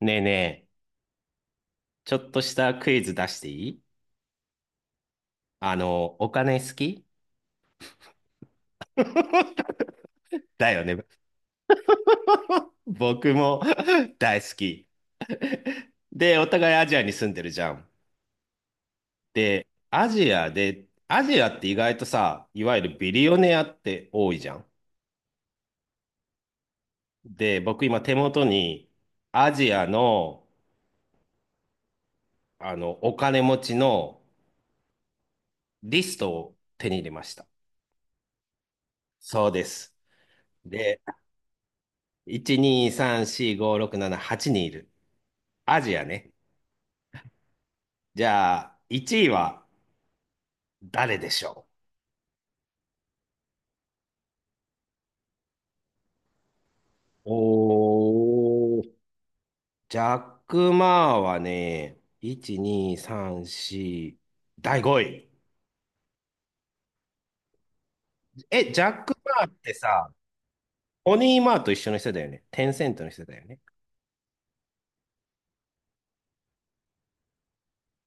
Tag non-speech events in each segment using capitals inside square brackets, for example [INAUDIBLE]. ねえねえ、ちょっとしたクイズ出していい？お金好き？ [LAUGHS] だよね。[LAUGHS] 僕も [LAUGHS] 大好き。で、お互いアジアに住んでるじゃん。で、アジアで、アジアって意外とさ、いわゆるビリオネアって多いじゃん。で、僕今手元にアジアの、あの、お金持ちのリストを手に入れました。そうです。で、1、2、3、4、5、6、7、8人いる。アジアね。じゃあ、1位は誰でしょう？おー、ジャック・マーはね、1、2、3、4、第5位。え、ジャック・マーってさ、ポニー・マーと一緒の人だよね。テンセントの人だよね。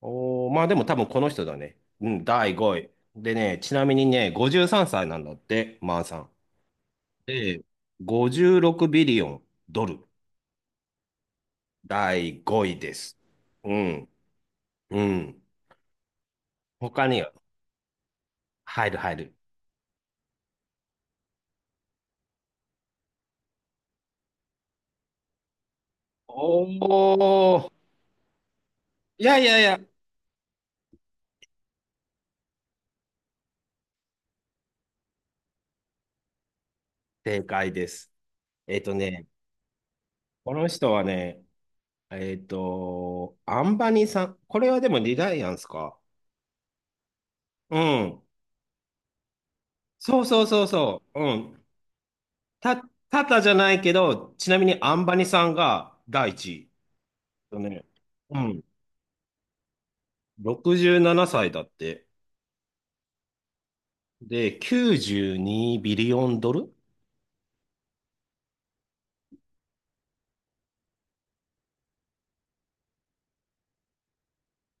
おー、まあでも多分この人だね。うん、第5位。でね、ちなみにね、53歳なんだって、マーさん。で、56ビリオンドル。第5位です。うん、うん。他には、入る、入る。おお、いやいやいや、正解です。えっとね、この人はね、えっと、アンバニさん。これはでもリライアンスか。うん。そうそうそうそう。うん。た、タタじゃないけど、ちなみにアンバニさんが第一位。えっとね、うん。67歳だって。で、92ビリオンドル。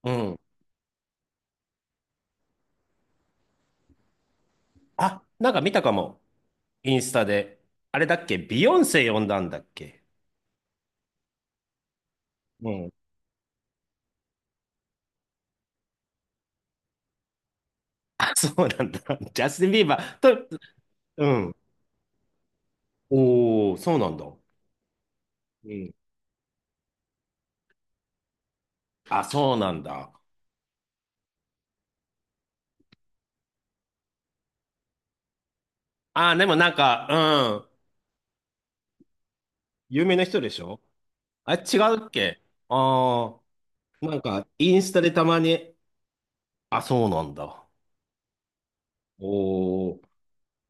うん。あ、なんか見たかも。インスタで。あれだっけ、ビヨンセ呼んだんだっけ？うん。あ、[LAUGHS] そうなんだ。[LAUGHS] ジャスティン・ビーバーと、うん。おお、そうなんだ。うん。あ、そうなんだ。あ、でもなんか、うん。有名な人でしょ？あ、違うっけ？ああー、なんか、インスタでたまに、あ、そうなんだ。おお、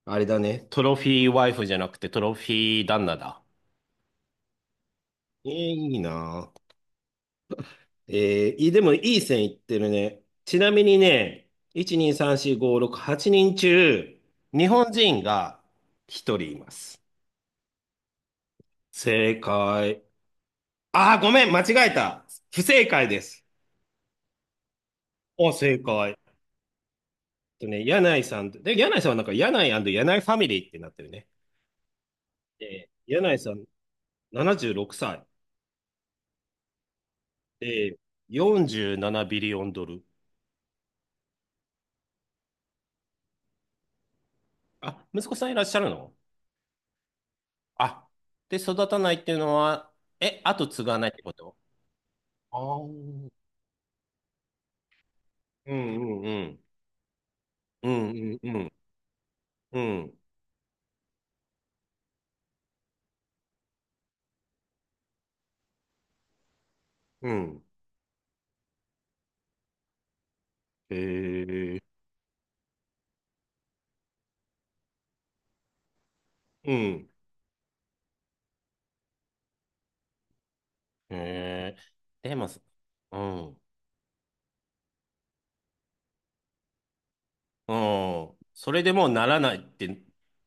あれだね。トロフィーワイフじゃなくてトロフィー旦那だ。えーいいなぁ。えーいい、でもいい線いってるね。ちなみにね、1、2、3、4、5、6、8人中、日本人が1人います。正解。あー、ごめん、間違えた。不正解です。お、正解。えっとね、柳井さん、で、柳井さんはなんか柳井柳井ファミリーってなってるね。えー柳井さん、76歳。で、47ビリオンドル。あ、息子さんいらっしゃるの？あ、で、育たないっていうのは、え、後継がないってこと？ああ、うんうんうんうん。うんうんうん。うん。へえ。うん。へえ。でも、うん。うん。それでもうならないって、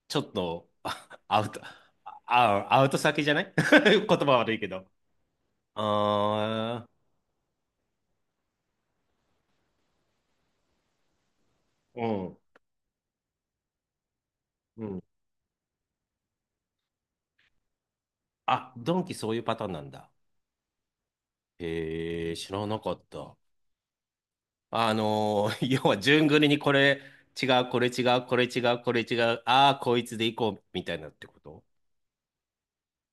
ちょっと、アウト先じゃない？ [LAUGHS] 言葉悪いけど。ああ、うん。うん。あ、ドンキそういうパターンなんだ。へえ、知らなかった。あのー [LAUGHS] 要は順繰りに、これ違う、これ違う、これ違う、これ違う、ああ、こいつでいこう、みたいなってこと？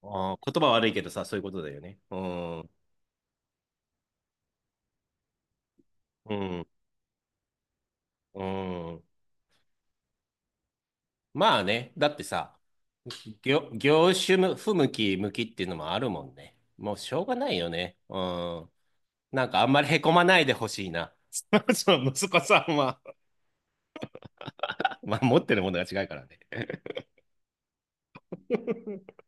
あー、言葉悪いけどさ、そういうことだよね。うん、うん、うん。まあね、だってさ、業種不向き、向きっていうのもあるもんね。もうしょうがないよね。うん。なんかあんまりへこまないでほしいな。[LAUGHS] その息子さんは。 [LAUGHS] まあ、持ってるものが違うからね。[LAUGHS]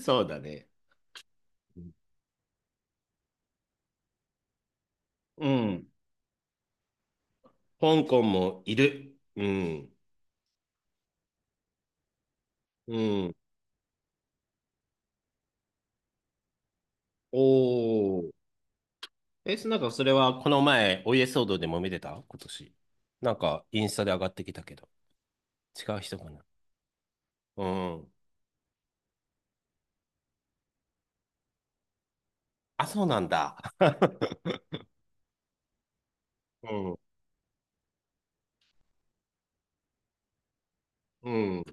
そうだね。うん。香港もいる。うん。うん。おー。え、なんかそれはこの前、お家騒動でも見てた今年。なんか、インスタで上がってきたけど。違う人かな。うん。あ、そうなんだ。[LAUGHS] うん。うん。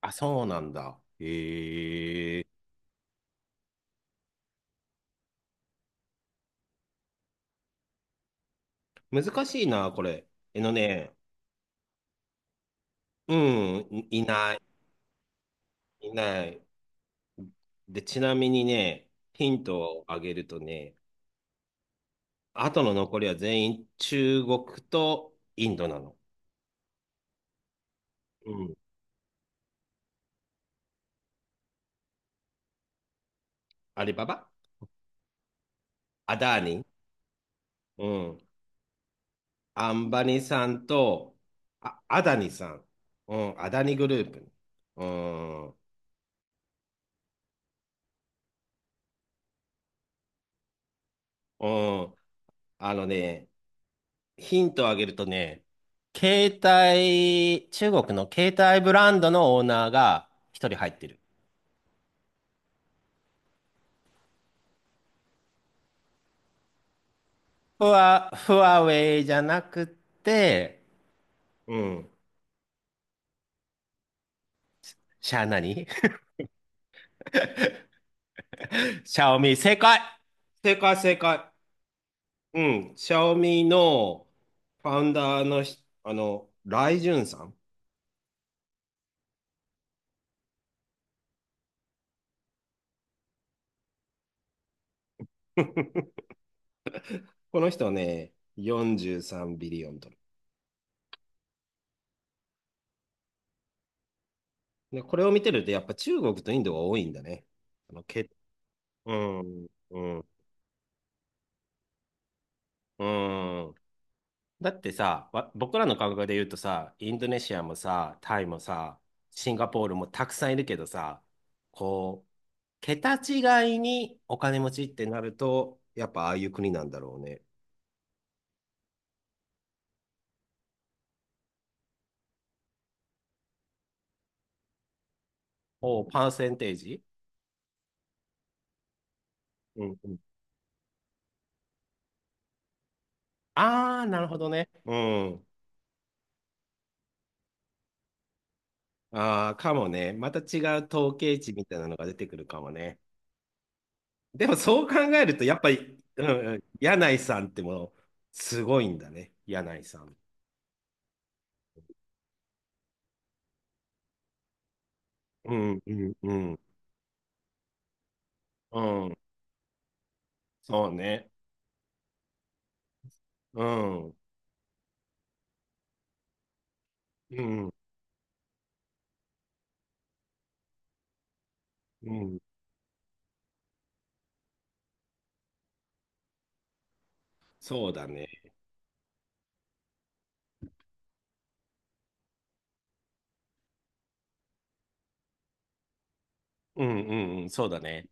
あ、そうなんだ。へえ。難しいな、これ。えのね、うん、いない。で、ちなみにね、ヒントをあげるとね、後の残りは全員中国とインドなの。うん。アリババ、アダーニ、うん。アンバニさんと、あ、アダニさん。うん、アダニグループ。うん、うん。あのね、ヒントをあげるとね、携帯、中国の携帯ブランドのオーナーが一人入ってる。フワウェイじゃなくて、うん。シャー何？ [LAUGHS] シャオミ、正解正解正解。うん、シャオミのファウンダーのひ、あの、ライジュンさん。[LAUGHS] この人はね、43ビリオンドル。で、これを見てると、やっぱ中国とインドが多いんだね。あの、け、うん、うん、うん。だってさ、僕らの感覚で言うとさ、インドネシアもさ、タイもさ、シンガポールもたくさんいるけどさ、こう、桁違いにお金持ちってなると、やっぱああいう国なんだろうね。おう、パーセンテージ？うん。ああ、なるほどね。うん。ああ、かもね。また違う統計値みたいなのが出てくるかもね。でもそう考えると、やっぱり、うんうん、柳井さんってもう、すごいんだね。柳井さん。うん、うん、うん。うん、そうね。うん、うん、うん。そうだね。うん、うん、うん、そうだね。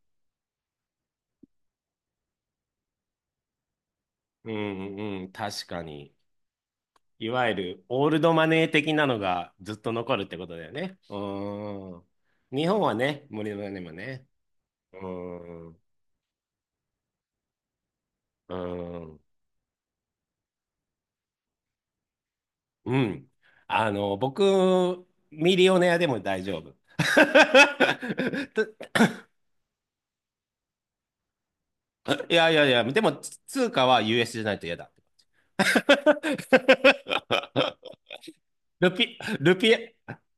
うん、うん、確かに。いわゆる、オールドマネー的なのがずっと残るってことだよね。うん。日本はね、無理だねもね。うーん、うーん、うん。あの、僕、ミリオネアでも大丈夫。[LAUGHS] と、いやいやいや、でも、通貨は US じゃないと嫌だ。[LAUGHS] ルピ、ルピ、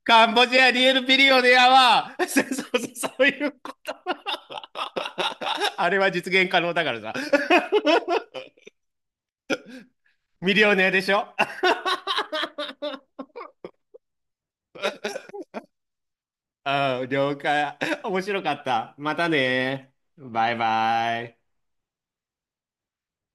カンボジアリエルビリオネアは、[LAUGHS] そうそうそうそういう、[LAUGHS] あれは実現可能だからさ、ミリオネアでしょ？ [LAUGHS] うん、了解。面白かった。またね。バイバイ。